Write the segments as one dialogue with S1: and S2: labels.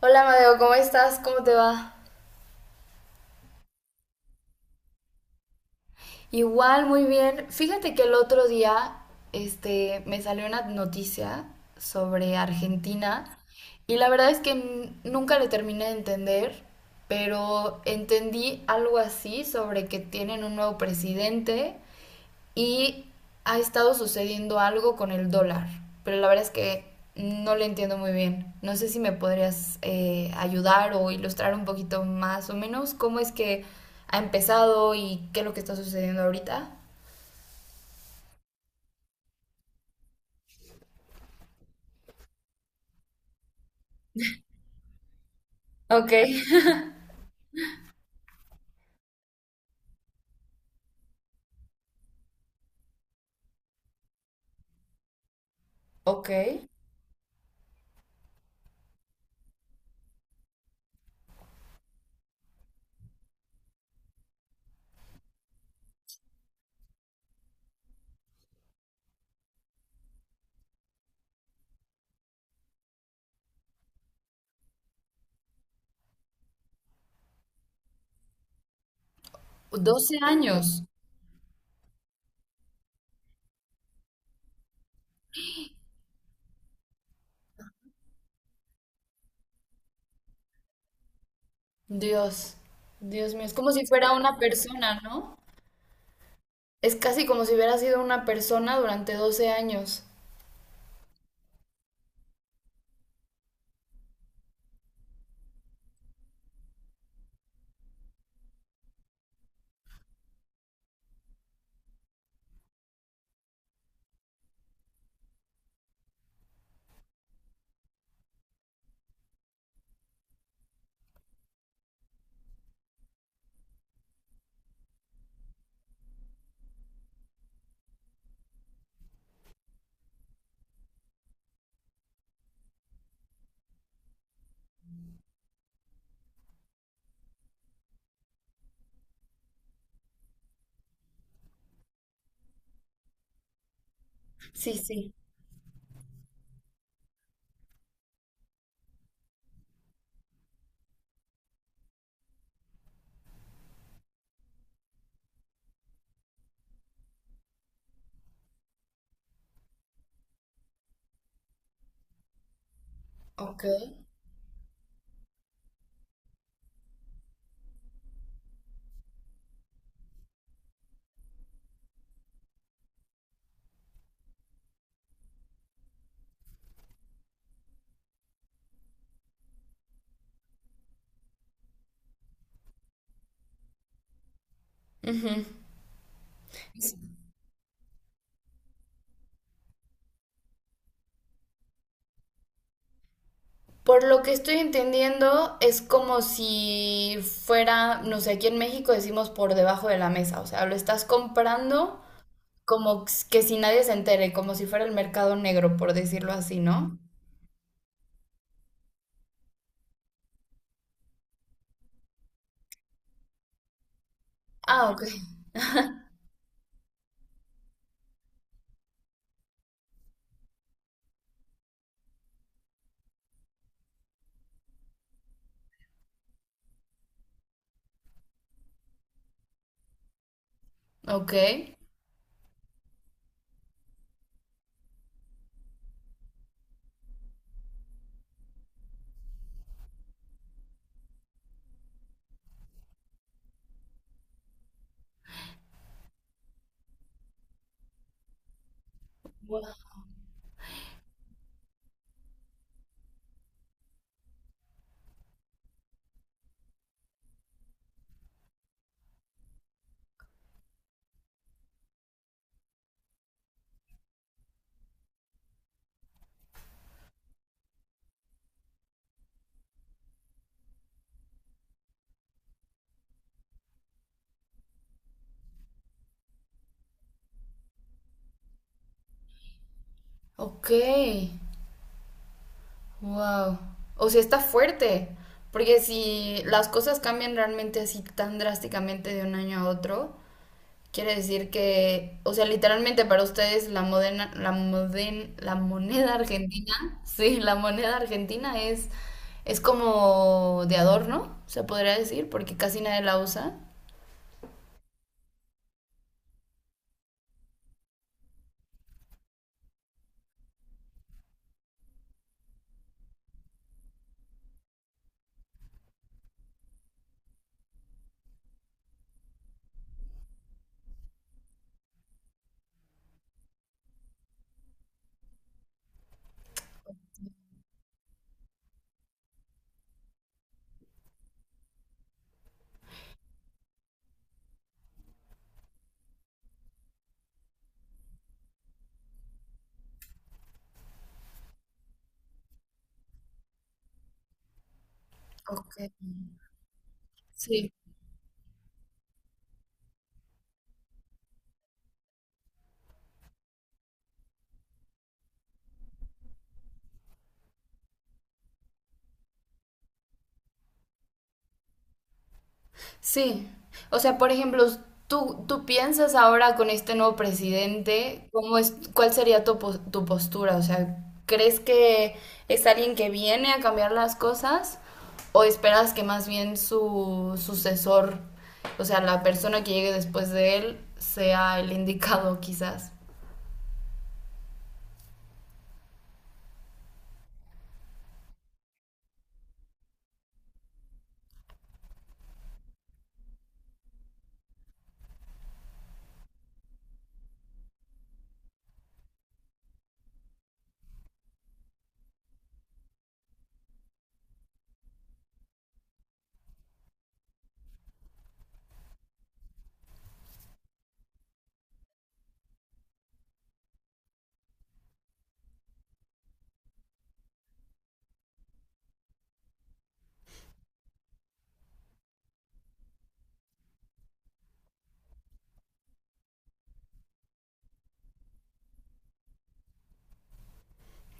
S1: Hola Madeo, ¿cómo estás? ¿Cómo te va? Igual, muy bien. Fíjate que el otro día, me salió una noticia sobre Argentina y la verdad es que nunca le terminé de entender, pero entendí algo así sobre que tienen un nuevo presidente y ha estado sucediendo algo con el dólar, pero la verdad es que no le entiendo muy bien. No sé si me podrías ayudar o ilustrar un poquito más o menos cómo es que ha empezado y qué es lo que está sucediendo ahorita. Ok, ok. 12 años. Dios, Dios mío, es como si fuera una persona, ¿no? Es casi como si hubiera sido una persona durante 12 años. Sí, sí. Ok. Ujú. Por lo que estoy entendiendo, es como si fuera, no sé, aquí en México decimos por debajo de la mesa, o sea, lo estás comprando como que si nadie se entere, como si fuera el mercado negro, por decirlo así, ¿no? Ah, ok, ok, ok, wow. O sea, está fuerte, porque si las cosas cambian realmente así tan drásticamente de un año a otro, quiere decir que, o sea, literalmente para ustedes la la moneda argentina, sí, la moneda argentina es como de adorno, se podría decir, porque casi nadie la usa. Ok. Sí, sí, o sea, por ejemplo, tú piensas ahora con este nuevo presidente, ¿cómo es, cuál sería tu, tu postura? O sea, ¿crees que es alguien que viene a cambiar las cosas o esperas que más bien su sucesor, o sea, la persona que llegue después de él, sea el indicado quizás?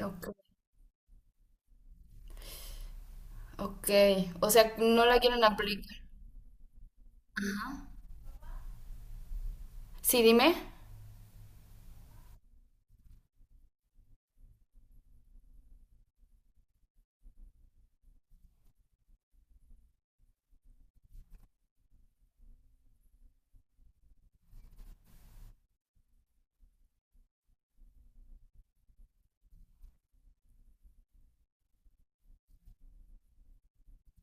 S1: Ok. Ok, o sea, no la quieren aplicar. Sí, dime.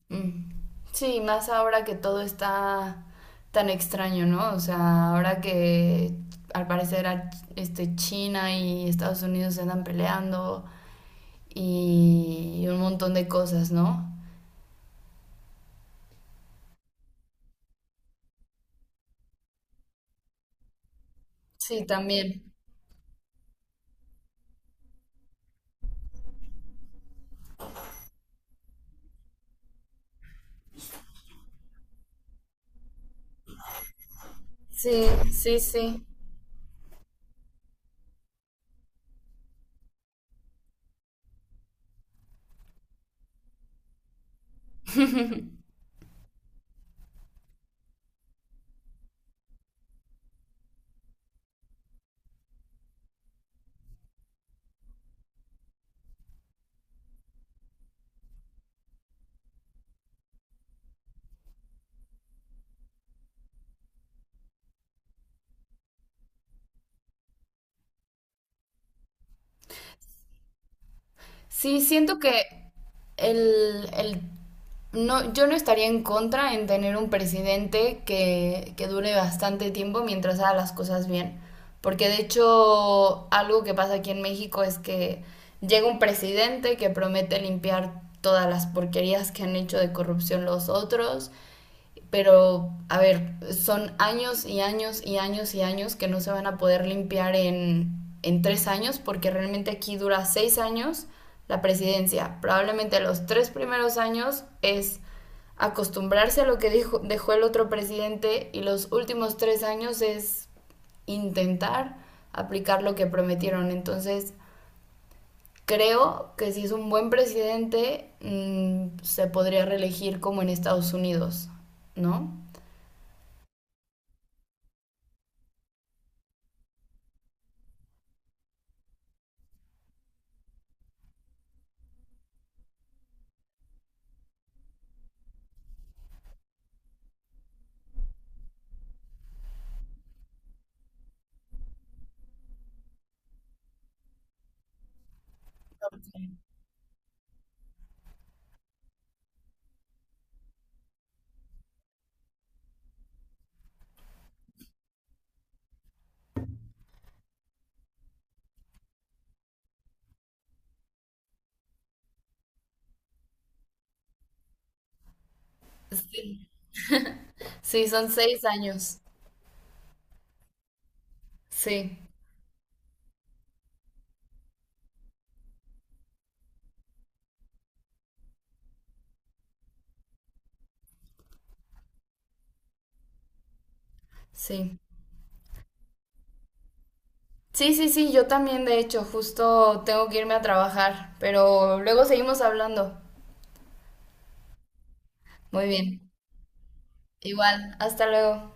S1: Mm. Sí, más ahora que todo está tan extraño, ¿no? O sea, ahora que al parecer China y Estados Unidos se andan peleando y un montón de cosas, ¿no? Sí, también. Sí, sí, sí. Sí, siento que el, el- no, yo no estaría en contra en tener un presidente que, dure bastante tiempo mientras haga las cosas bien. Porque de hecho, algo que pasa aquí en México es que llega un presidente que promete limpiar todas las porquerías que han hecho de corrupción los otros, pero, a ver, son años y años y años y años que no se van a poder limpiar en, 3 años, porque realmente aquí dura 6 años la presidencia. Probablemente los 3 primeros años es acostumbrarse a lo que dijo, dejó el otro presidente, y los últimos 3 años es intentar aplicar lo que prometieron. Entonces, creo que si es un buen presidente, se podría reelegir como en Estados Unidos, ¿no? Sí, sí, son 6 años. Sí, sí. Sí, sí, sí, yo también, de hecho, justo tengo que irme a trabajar, pero luego seguimos hablando. Muy bien. Igual, hasta luego.